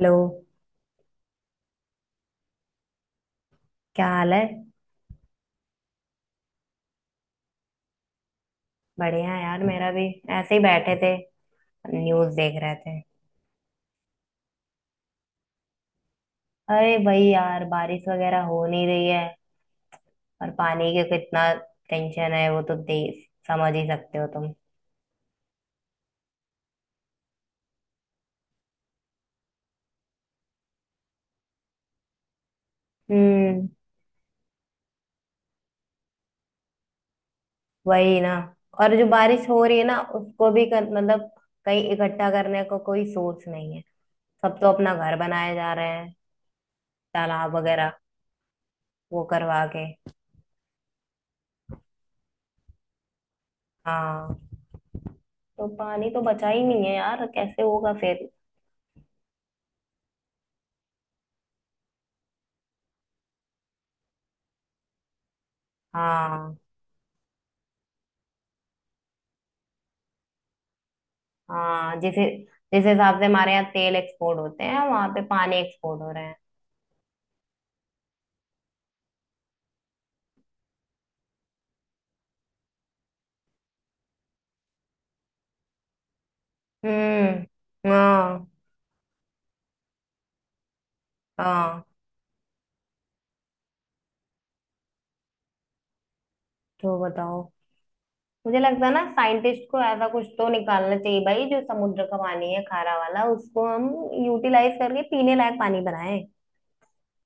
Hello. क्या हाल है? बढ़िया है यार, मेरा भी। ऐसे ही बैठे थे, न्यूज़ देख रहे थे। अरे भाई यार, बारिश वगैरह हो नहीं रही है और पानी का कितना टेंशन है वो तो दे, समझ ही सकते हो तुम। हम्म। वही ना। और जो बारिश हो रही है ना, उसको भी मतलब कहीं इकट्ठा करने को कोई सोच नहीं है। सब तो अपना घर बनाए जा रहे हैं, तालाब वगैरह वो करवा के। हाँ, तो पानी तो बचा ही नहीं है यार, कैसे होगा फिर? हाँ। हाँ, जिस जिस हिसाब से हमारे यहाँ तेल एक्सपोर्ट होते हैं वहां पे पानी एक्सपोर्ट हो रहे हैं। हम्म। हाँ। हाँ, तो बताओ, मुझे लगता है ना साइंटिस्ट को ऐसा कुछ तो निकालना चाहिए भाई, जो समुद्र का पानी है खारा वाला, उसको हम यूटिलाइज करके पीने लायक पानी बनाएं।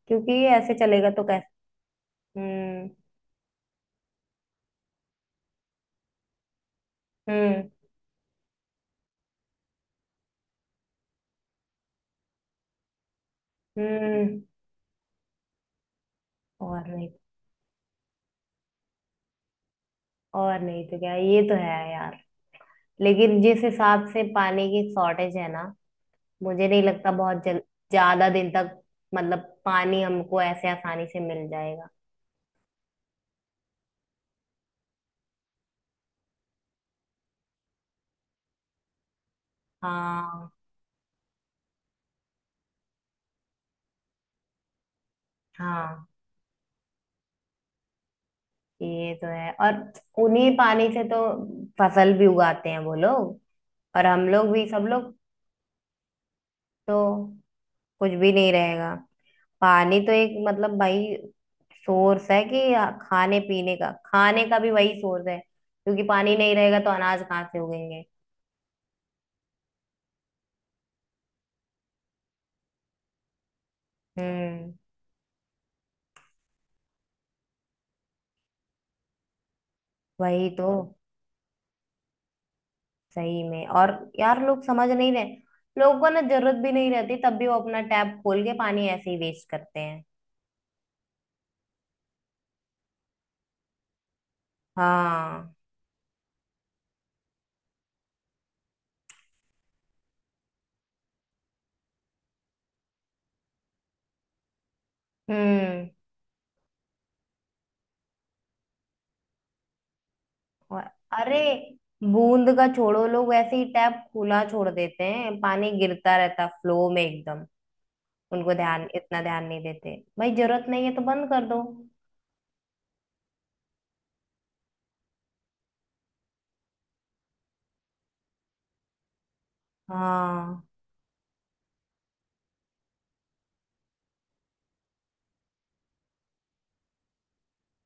क्योंकि ऐसे चलेगा तो कैसे? हम्म। हम्म। हम्म। और नहीं। और नहीं तो क्या, ये तो है यार। लेकिन जिस हिसाब से पानी की शॉर्टेज है ना, मुझे नहीं लगता बहुत जल ज्यादा दिन तक, मतलब पानी हमको ऐसे आसानी से मिल जाएगा। हाँ। हाँ, ये तो है। और उन्हीं पानी से तो फसल भी उगाते हैं वो लोग, और हम लोग भी, सब लोग। तो कुछ भी नहीं रहेगा। पानी तो एक मतलब भाई सोर्स है कि खाने पीने का, खाने का भी वही सोर्स है, क्योंकि पानी नहीं रहेगा तो अनाज कहाँ से उगेंगे? हम्म। वही तो। सही में। और यार लोग समझ नहीं रहे। लोगों को ना जरूरत भी नहीं रहती तब भी वो अपना टैप खोल के पानी ऐसे ही वेस्ट करते हैं। हाँ। हम्म। और- अरे, बूंद का छोड़ो, लोग ऐसे ही टैप खुला छोड़ देते हैं, पानी गिरता रहता फ्लो में एकदम। उनको ध्यान इतना ध्यान नहीं देते भाई, जरूरत नहीं है तो बंद कर दो। हाँ।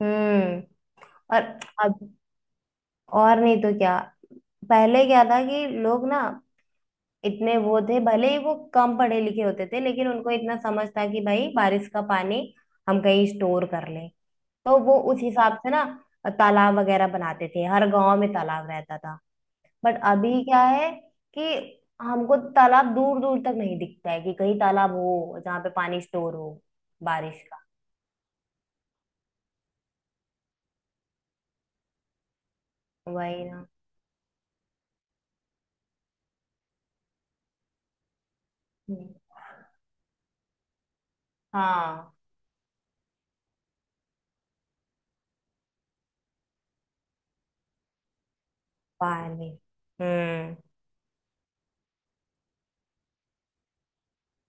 हम्म। और अब, और नहीं तो क्या, पहले क्या था कि लोग ना, इतने वो थे, भले ही वो कम पढ़े लिखे होते थे, लेकिन उनको इतना समझ था कि भाई बारिश का पानी हम कहीं स्टोर कर लें, तो वो उस हिसाब से ना तालाब वगैरह बनाते थे, हर गांव में तालाब रहता था। बट अभी क्या है कि हमको तालाब दूर दूर तक नहीं दिखता है कि कहीं तालाब हो जहाँ पे पानी स्टोर हो, बारिश का। वही ना। हम्म। हाँ। पानी। हम्म।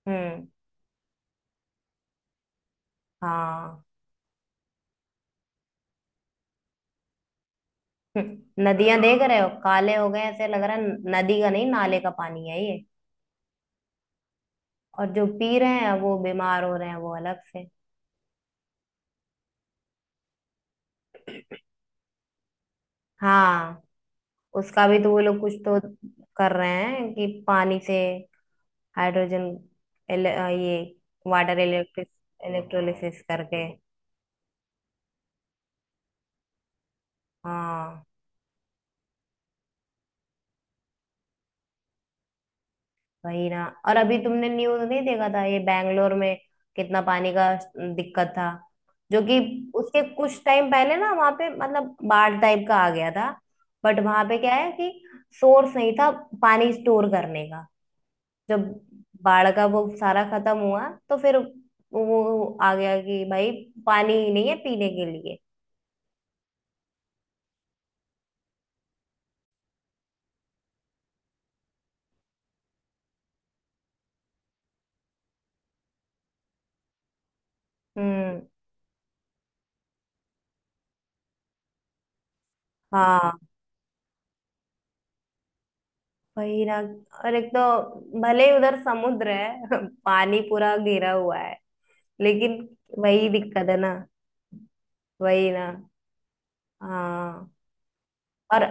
हम्म। हाँ। नदियां देख रहे हो, काले हो गए, ऐसे लग रहा है नदी का नहीं, नाले का पानी है ये। और जो पी रहे हैं वो बीमार हो रहे हैं, वो अलग से। हाँ। उसका भी तो वो लोग कुछ तो कर रहे हैं कि पानी से हाइड्रोजन, एल, अ, ये वाटर इलेक्ट्रिक इलेक्ट्रोलिसिस करके। हाँ। वही ना। और अभी तुमने न्यूज नहीं देखा था ये, बैंगलोर में कितना पानी का दिक्कत था, जो कि उसके कुछ टाइम पहले ना वहां पे मतलब बाढ़ टाइप का आ गया था। बट वहां पे क्या है कि सोर्स नहीं था पानी स्टोर करने का। जब बाढ़ का वो सारा खत्म हुआ तो फिर वो आ गया कि भाई पानी ही नहीं है पीने के लिए। हम्म। हाँ। वही ना। और एक तो भले ही उधर समुद्र है पानी पूरा घेरा हुआ है, लेकिन वही दिक्कत है ना। वही ना। हाँ। और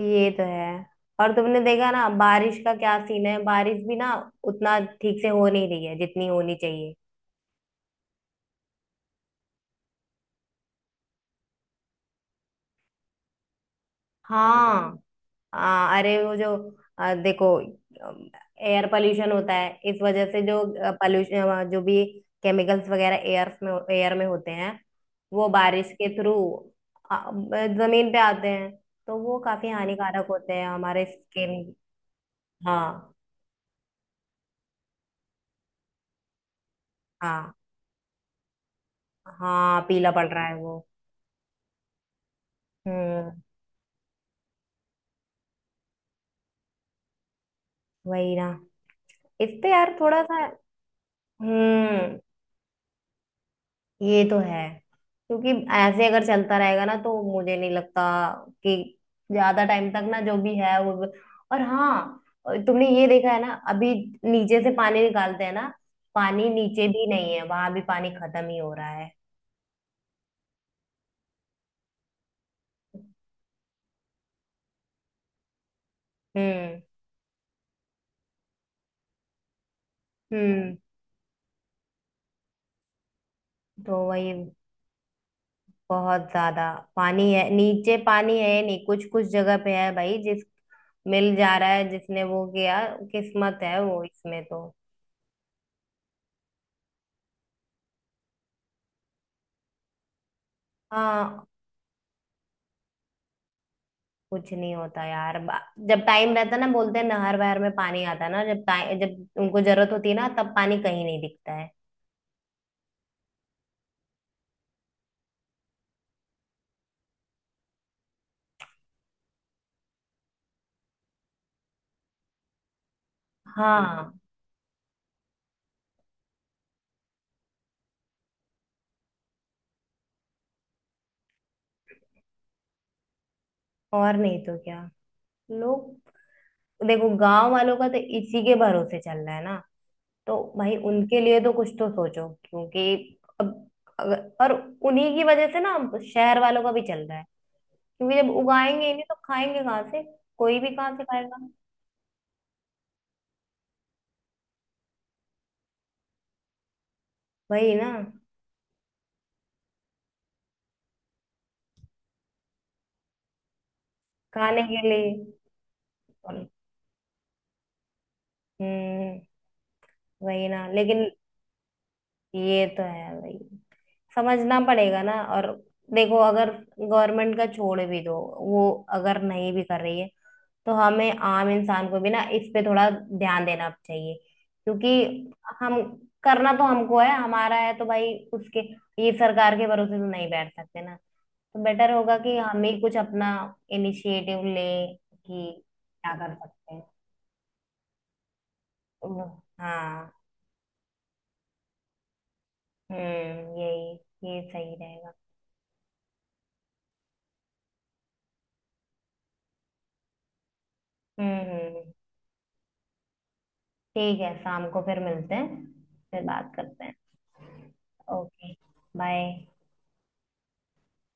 ये तो है। और तुमने देखा ना बारिश का क्या सीन है, बारिश भी ना उतना ठीक से हो नहीं रही है जितनी होनी चाहिए। हाँ। अरे वो जो, देखो, एयर पोल्यूशन होता है, इस वजह से जो पोल्यूशन जो भी केमिकल्स वगैरह एयर में होते हैं, वो बारिश के थ्रू जमीन पे आते हैं, तो वो काफी हानिकारक होते हैं हमारे स्किन। हाँ। हाँ। हाँ, पीला पड़ रहा है वो। हम्म। वही ना। इस पे यार थोड़ा सा। हम्म। ये तो है। क्योंकि ऐसे अगर चलता रहेगा ना, तो मुझे नहीं लगता कि ज्यादा टाइम तक ना जो भी है वो। और हाँ, तुमने ये देखा है ना अभी, नीचे से पानी निकालते हैं ना, पानी नीचे भी नहीं है, वहां भी पानी खत्म ही हो रहा है। हम्म। हम्म। तो वही, बहुत ज्यादा। पानी है नीचे, पानी है नहीं, कुछ कुछ जगह पे है भाई, जिस मिल जा रहा है जिसने वो किया, किस्मत है वो, इसमें तो। हाँ। कुछ नहीं होता यार जब टाइम रहता ना बोलते हैं नहर वहर में पानी आता ना, जब उनको जरूरत होती है ना तब पानी कहीं नहीं दिखता है। हाँ। और नहीं तो क्या। लोग, देखो, गांव वालों का तो इसी के भरोसे चल रहा है ना। तो भाई उनके लिए तो कुछ तो सोचो, क्योंकि अब, अगर और उन्हीं की वजह से ना अब शहर वालों का भी चल रहा है, क्योंकि जब उगाएंगे ही नहीं तो खाएंगे कहाँ से, कोई भी कहाँ से खाएगा। वही ना। खाने के लिए। हम्म। वही ना, लेकिन ये तो है भाई, समझना पड़ेगा ना। और देखो, अगर गवर्नमेंट का छोड़ भी दो, वो अगर नहीं भी कर रही है, तो हमें आम इंसान को भी ना इस पे थोड़ा ध्यान देना चाहिए, क्योंकि हम करना तो हमको है, हमारा है तो भाई। उसके ये सरकार के भरोसे तो नहीं बैठ सकते ना, तो बेटर होगा कि हम ही कुछ अपना इनिशिएटिव लें कि क्या कर सकते हैं। तो हाँ। हम्म। यही ये सही रहेगा। हम्म। हम्म। ठीक है, शाम को फिर मिलते हैं। फिर बात करते हैं। ओके। बाय।